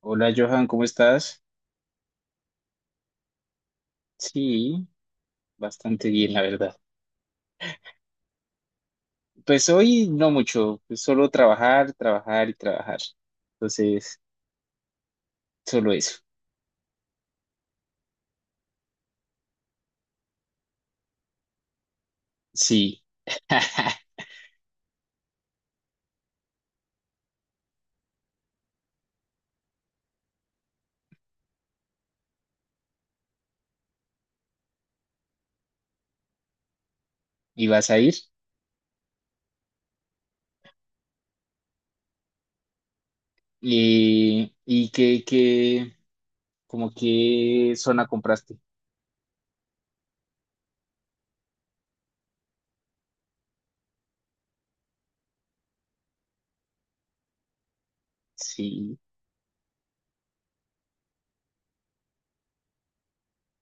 Hola Johan, ¿cómo estás? Sí, bastante bien, la verdad. Pues hoy no mucho, pues solo trabajar, trabajar y trabajar. Entonces, solo eso. Sí. ¿Y vas a ir? ¿Y qué, como qué zona compraste? Sí,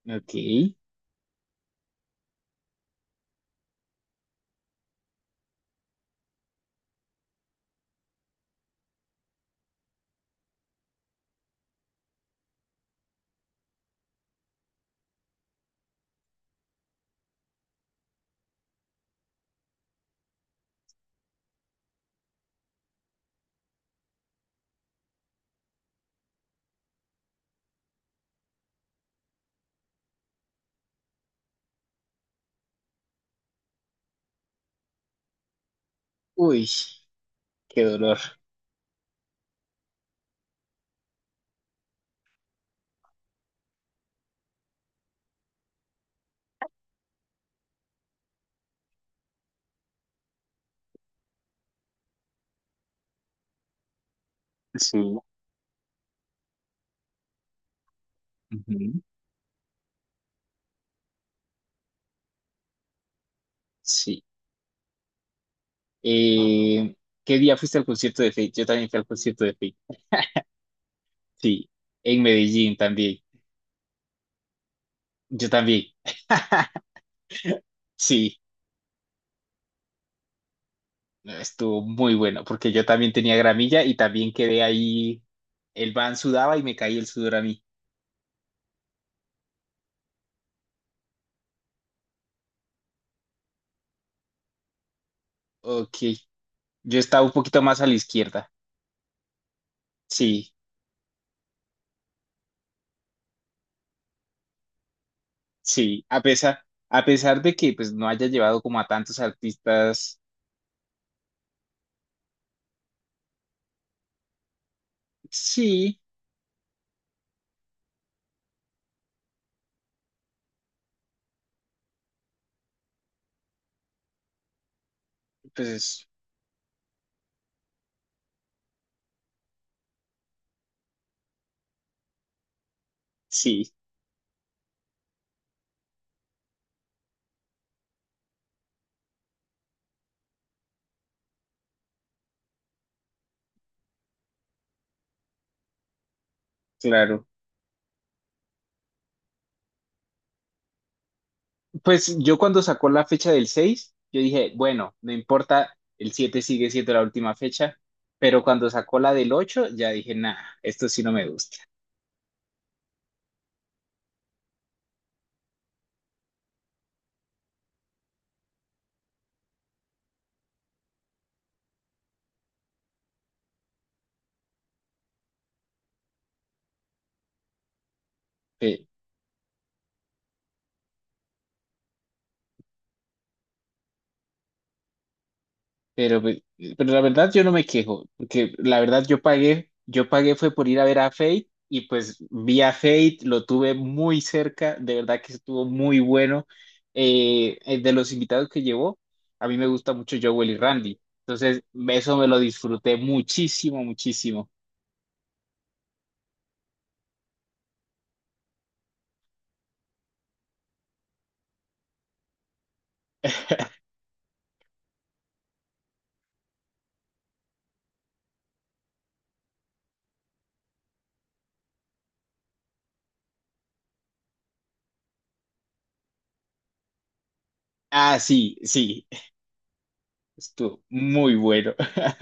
ok. Uy, qué dolor. Sí. Ujú, sí. Eh, ¿Qué día fuiste al concierto de Fate? Yo también fui al concierto de Fate. Sí, en Medellín también. Yo también. Sí, estuvo muy bueno, porque yo también tenía gramilla y también quedé ahí, el van sudaba y me caí el sudor a mí. Ok, yo estaba un poquito más a la izquierda. Sí, sí, a pesar de que pues no haya llevado como a tantos artistas, sí, pues sí, claro. Pues yo cuando sacó la fecha del 6, yo dije, bueno, no importa, el 7 sigue siendo la última fecha, pero cuando sacó la del 8, ya dije, nah, esto sí no me gusta. Pero, pe- pero la verdad yo no me quejo, porque la verdad yo pagué fue por ir a ver a Fate y pues vi a Fate, lo tuve muy cerca, de verdad que estuvo muy bueno. De los invitados que llevó, a mí me gusta mucho Joel y Randy, entonces eso me lo disfruté muchísimo, muchísimo. Ah, sí, sí, estuvo muy bueno.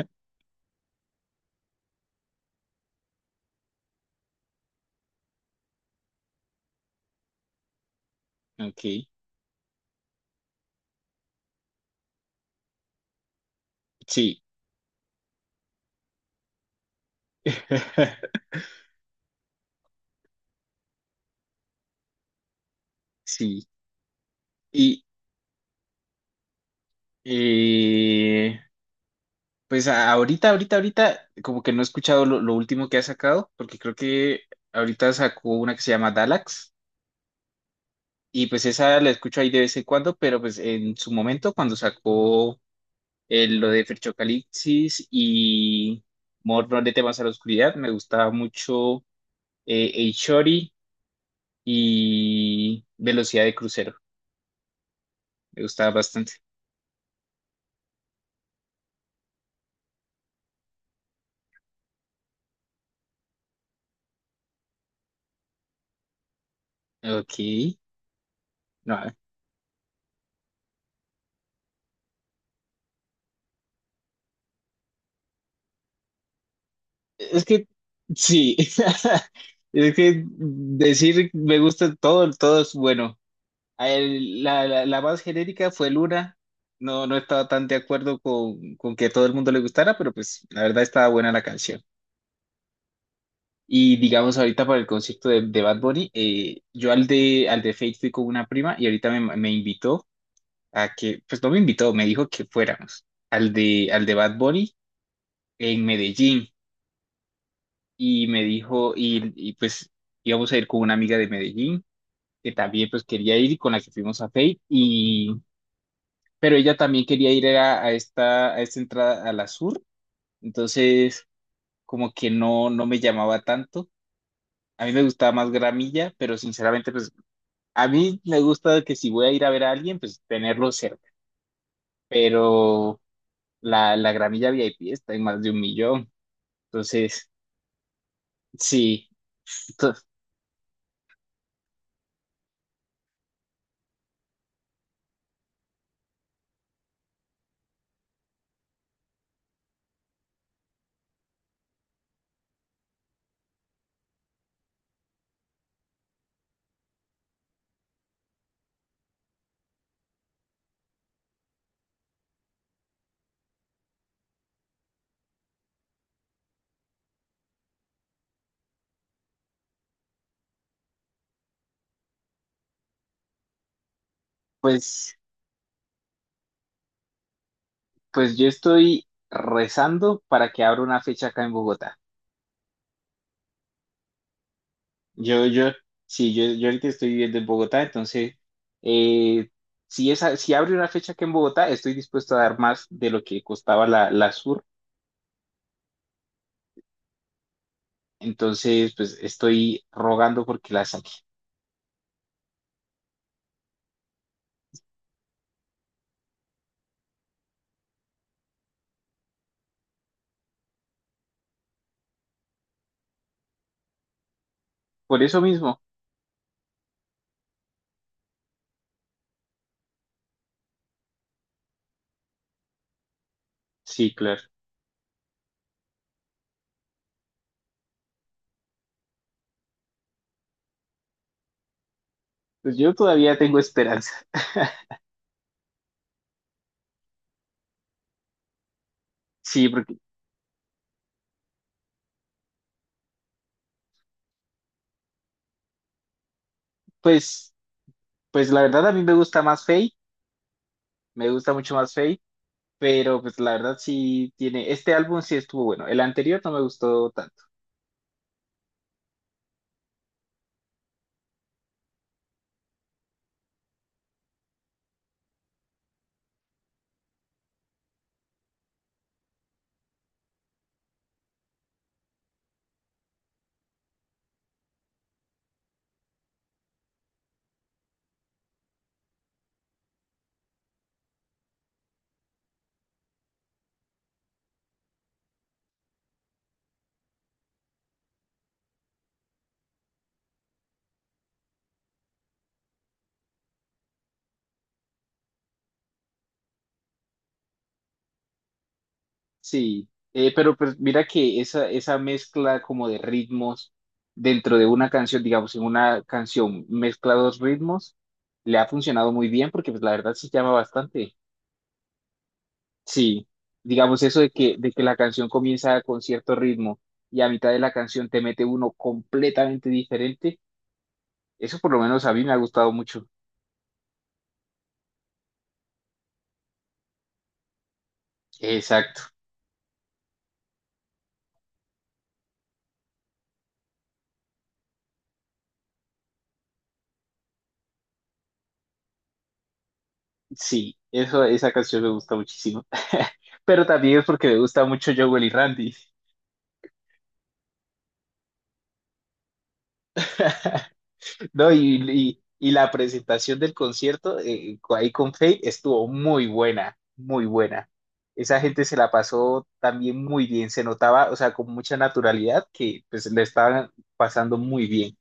Ok, sí, sí. Y, eh, Pues ahorita, ahorita, ahorita, como que no he escuchado lo último que ha sacado, porque creo que ahorita sacó una que se llama Dalax, y pues esa la escucho ahí de vez en cuando, pero pues en su momento, cuando sacó lo de Ferchocalipsis y Mordor de temas a la oscuridad, me gustaba mucho Eichori y Velocidad de Crucero, me gustaba bastante. Ok, no, es que sí, es que decir me gusta todo, todo es bueno. A él, la más genérica fue Luna. No, no estaba tan de acuerdo con que a todo el mundo le gustara, pero pues la verdad estaba buena la canción. Y digamos ahorita para el concierto de Bad Bunny, yo al de Fate fui con una prima y ahorita me invitó a que, pues no me invitó, me dijo que fuéramos al de Bad Bunny en Medellín. Y me dijo, pues íbamos a ir con una amiga de Medellín, que también pues quería ir y con la que fuimos a Fate, y, pero ella también quería ir a esta entrada a la sur, entonces como que no, no me llamaba tanto. A mí me gustaba más Gramilla, pero sinceramente pues a mí me gusta que si voy a ir a ver a alguien, pues tenerlo cerca, pero la Gramilla VIP está en más de un millón, entonces sí, to- pues... Pues yo estoy rezando para que abra una fecha acá en Bogotá. Yo, yo, sí, yo ahorita estoy viviendo en Bogotá, entonces, eh, si abre una fecha acá en Bogotá, estoy dispuesto a dar más de lo que costaba la Sur. Entonces, pues estoy rogando porque la saque. Por eso mismo, sí, claro. Pues yo todavía tengo esperanza. Sí, porque, pues, pues la verdad a mí me gusta más Fate, me gusta mucho más Fate. Pero pues la verdad sí tiene, este álbum sí estuvo bueno, el anterior no me gustó tanto, sí, pero pues mira que esa mezcla como de ritmos dentro de una canción, digamos, en una canción mezcla dos ritmos, le ha funcionado muy bien porque pues la verdad sí llama bastante, sí, digamos eso de que la canción comienza con cierto ritmo y a mitad de la canción te mete uno completamente diferente, eso por lo menos a mí me ha gustado mucho. Exacto. Sí, esa canción me gusta muchísimo. Pero también es porque me gusta mucho Jowell y Randy. No, y la presentación del concierto ahí con Fate estuvo muy buena, muy buena. Esa gente se la pasó también muy bien, se notaba, o sea, con mucha naturalidad que pues le estaban pasando muy bien.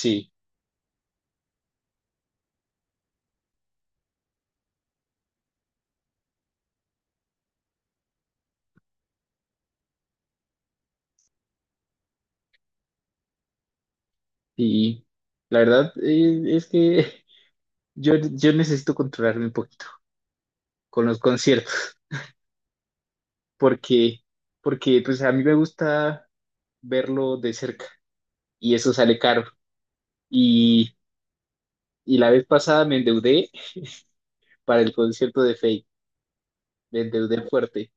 Sí, y la verdad es que yo necesito controlarme un poquito con los conciertos, porque, porque pues a mí me gusta. Verlo de cerca y eso sale caro. Y, y la vez pasada me endeudé para el concierto de Faye, me endeudé fuerte.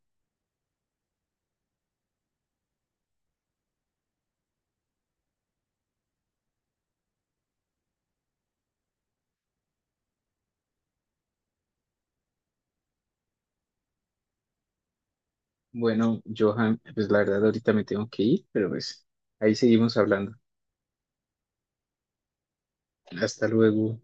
Bueno, Johan, pues la verdad ahorita me tengo que ir, pero pues ahí seguimos hablando. Hasta luego.